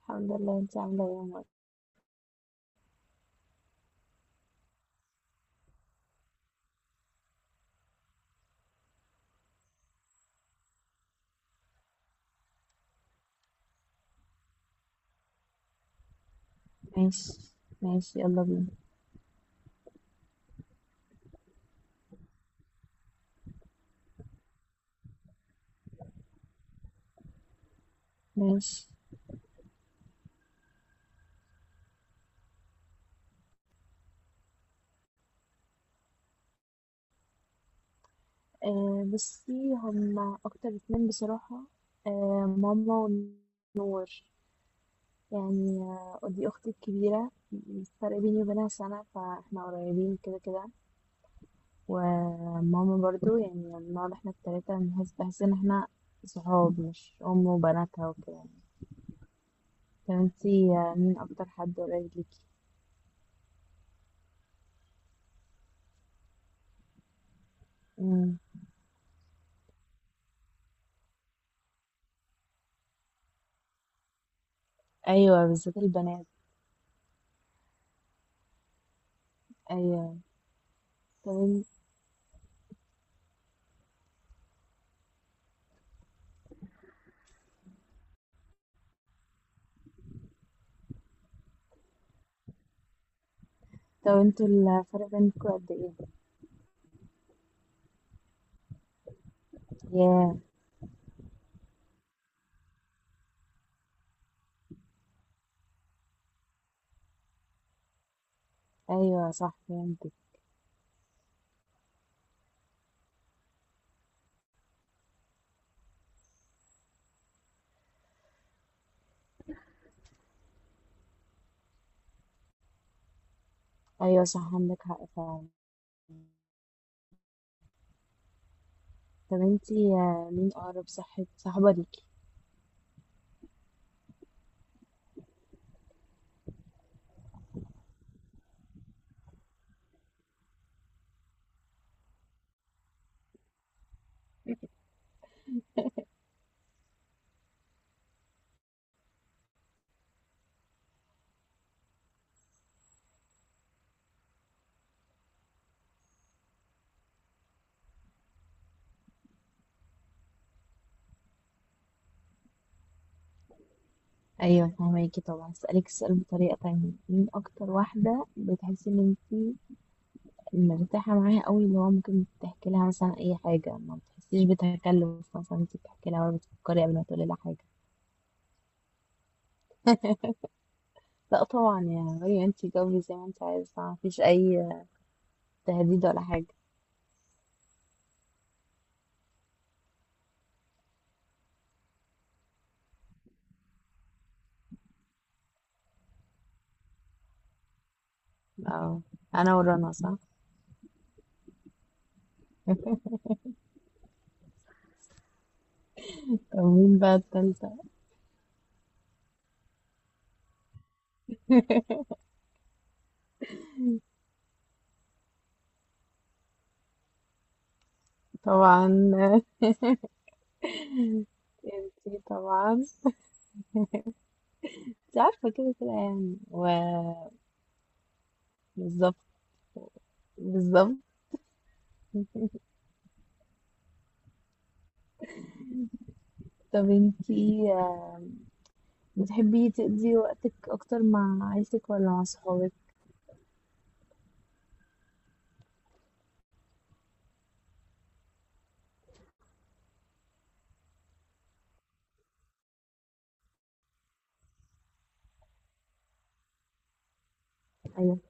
الحمد لله، انت عامله ايه يا عمر؟ ماشي. ماشي يلا بينا. ماشي. أه بصي، هما اكتر اتنين بصراحه. أه ماما ونور. يعني ودي اختي الكبيره، الفرق بيني وبينها سنه فاحنا قريبين كده كده. وماما برضو، يعني بنقعد احنا التلاته، بنحس بحس ان احنا صحاب، مش ام وبناتها وكده يعني. طب انتي مين اكتر حد قريب ليكي؟ مم. ايوه بالذات البنات. ايوه. طب طب انتوا الفرق بينكوا قد ايه؟ ياه. ايوه صح فهمتك. ايوه صح عندك حق فعلا. طب انتي مين اقرب صاحب صاحبة ليكي؟ ايوه فهماكي. طبعا هسألك السؤال بطريقة تانية، مين اكتر واحدة بتحسي ان انتي مرتاحة معاها قوي، اللي هو ممكن تحكي لها مثلا اي حاجة ما بتحسيش بتكلف، مثلا انتي بتحكي لها ولا بتفكري قبل ما تقولي لها حاجة؟ لا طبعا يا مريم، انتي جاوبي زي ما انتي عايزة، مفيش اي تهديد ولا حاجة. اه انا ورانا صح؟ طب مين بقى التالتة؟ طبعا. انتي طبعا، انتي عارفة كده كده يعني. وبالظبط بالظبط. طب انتي بتحبي تقضي وقتك اكتر مع عيلتك ولا مع صحابك؟ ايوه.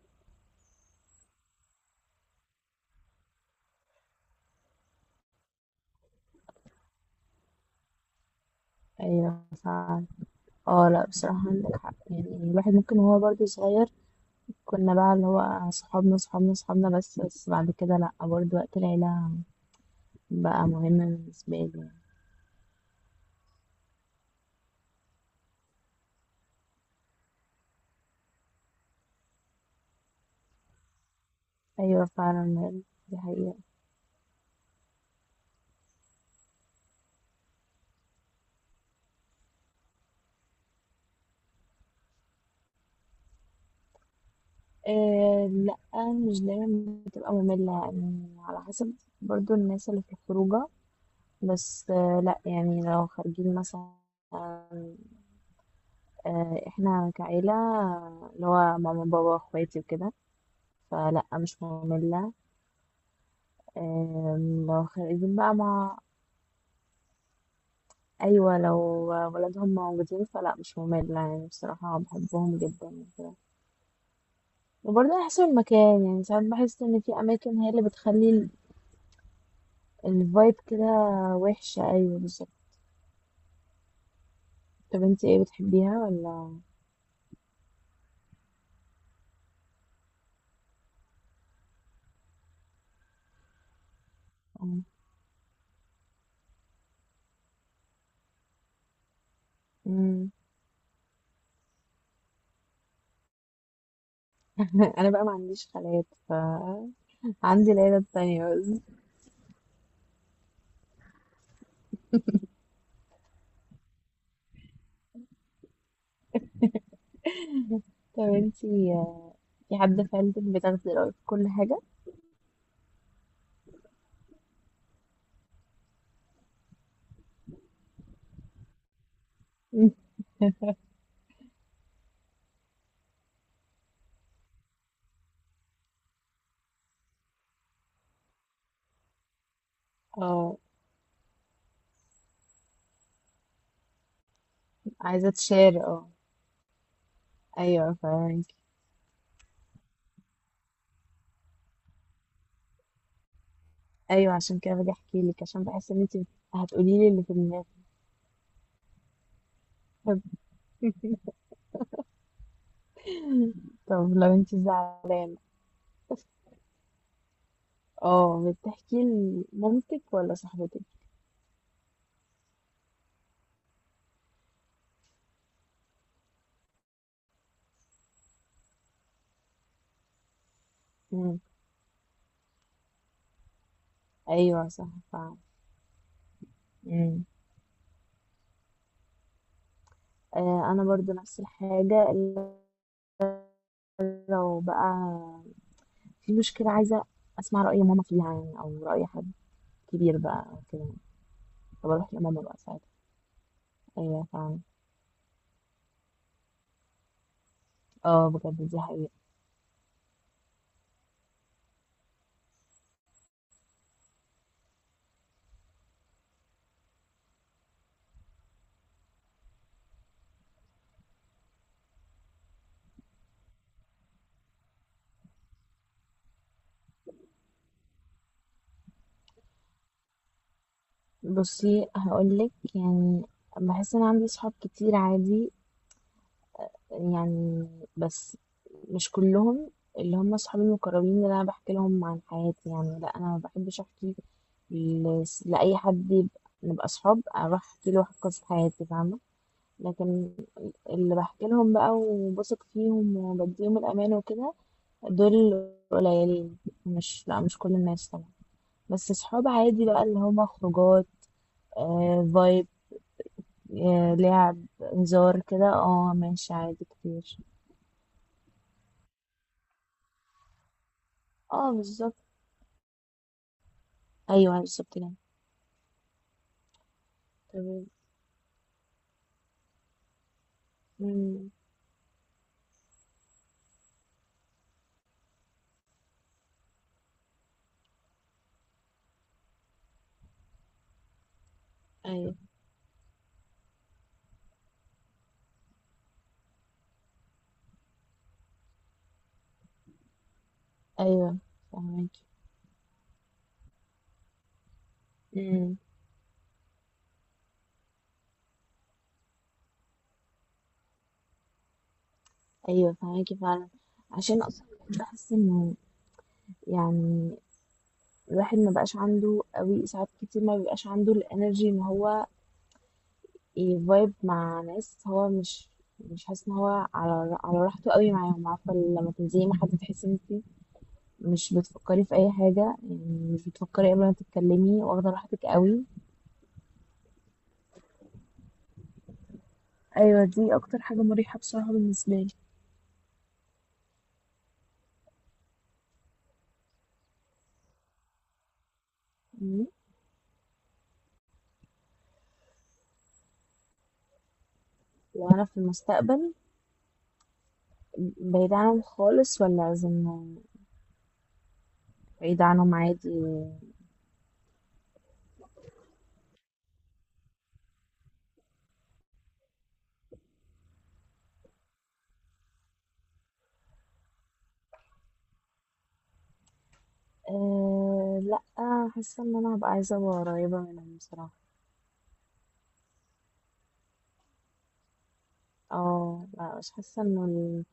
ايوه فعلا. اه لا بصراحة عندك حق، يعني الواحد ممكن وهو برضه صغير كنا بقى اللي هو صحابنا صحابنا صحابنا بس، بس بعد كده لا، برضه وقت العيلة بقى مهم بالنسبة لي. ايوه فعلا دي حقيقة. آه لا، مش دايما بتبقى مملة يعني، على حسب برضو الناس اللي في الخروجة. بس لا يعني، لو خارجين مثلا احنا كعيلة، اللي هو ماما بابا اخواتي وكده، فلا مش مملة. لو خارجين بقى مع، ايوه لو ولادهم موجودين فلا مش مملة يعني، بصراحة بحبهم جدا وكده. وبرضه على حسب المكان يعني، ساعات بحس ان في اماكن هي اللي بتخلي الفايب كده وحشة. أيوة بالظبط. طب انت ايه، بتحبيها ولا؟ اه. مم. انا بقى ما عنديش خالات، ف عندي العيلة التانية بس. طب انت في حد في عيلتك بتاخدي رأيه في كل حاجة؟ اه. عايزة تشير، اه. ايوه فاهمك. ايوه عشان كده باجي احكي لك، عشان بحس ان انت هتقولي لي اللي في دماغك. طب طب لو انت زعلانة، اه بتحكي لمامتك ولا صاحبتك؟ مم. ايوه صح فعلا. انا برضو نفس الحاجه، إلا لو بقى في مشكله عايزه اسمع راي ماما فيها، يعني او راي حد كبير بقى أو كده، فبروح لماما بقى ساعتها. ايوه فعلا، اه بجد دي حقيقه. بصي هقولك، يعني بحس ان عندي صحاب كتير عادي يعني، بس مش كلهم، اللي هم صحابي المقربين اللي انا بحكي لهم عن حياتي يعني. لا انا ما بحبش احكي لاي حد نبقى صحاب اروح احكي له قصه حياتي فاهمه. لكن اللي بحكي لهم بقى وبثق فيهم وبديهم الأمان وكده، دول قليلين. مش لا مش كل الناس طبعا، بس صحاب عادي بقى اللي هما خروجات، فايب، لعب هزار كده، اه ماشي عادي كتير. اه بالظبط، ايوه بالظبط كده. تمام. مم، ايوه. ايوه فهماكي. مم، ايوه فهماكي فعلا. عشان اصلا بحس انه، يعني الواحد ما بقاش عنده قوي، ساعات كتير ما بيبقاش عنده الانرجي ان هو يفايب مع ناس هو مش حاسس ان هو على راحته قوي معاهم. عارفه لما تنزلي مع حد تحسي ان انت مش بتفكري في اي حاجه، يعني مش بتفكري قبل ما تتكلمي، واخده راحتك قوي. ايوه دي اكتر حاجه مريحه بصراحه بالنسبه لي. مم. لو انا في المستقبل بعيد عنهم خالص ولا لازم بعيد عنهم عادي؟ لا، حاسه ان انا هبقى عايزه أبقى قريبه منهم بصراحه. اه لا، مش حاسة انه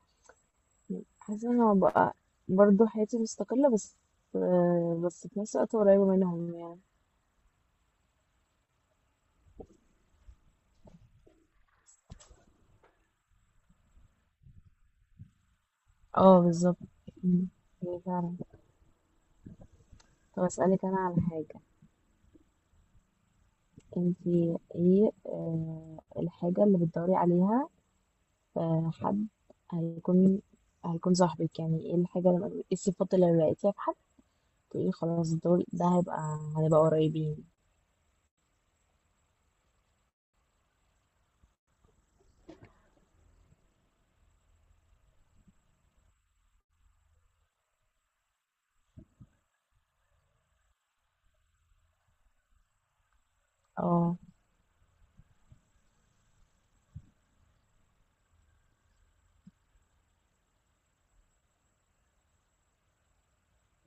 حاسة انه بقى برضه حياتي مستقلة بس، بس في نفس الوقت قريبة منهم يعني. اه بالظبط. مم. ايه فعلا. طب اسألك انا على حاجة. انتي ايه الحاجة اللي بتدوري عليها في حد هيكون هيكون صاحبك؟ يعني ايه الحاجة، لما ايه الصفات اللي لقيتيها في حد تقولي خلاص دول ده هنبقى قريبين؟ اه.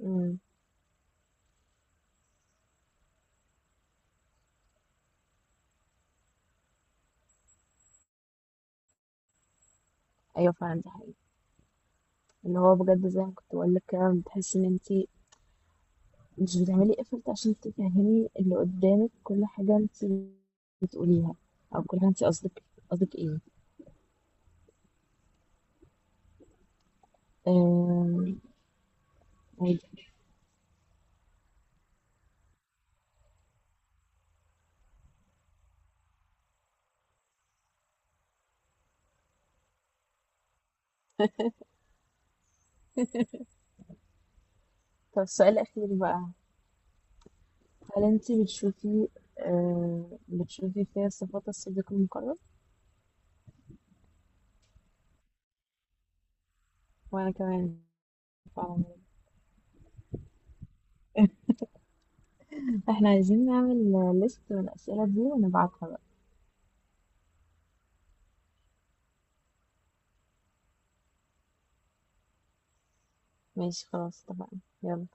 امم. ايوه فعلا دي حقيقة. اللي هو بجد زي ما كنت بقول لك كده، بتحسي ان انتي مش بتعملي effort عشان تفهمي اللي قدامك، كل حاجة انت بتقوليها او كل حاجة انت قصدك ايه. آم، عادي. طب السؤال الأخير بقى، هل انت بتشوفي فيها صفات الصديق المقرب؟ وانا كمان فعلا. احنا عايزين نعمل ليست من الأسئلة دي ونبعتها بقى. ماشي خلاص اتفقنا يلا.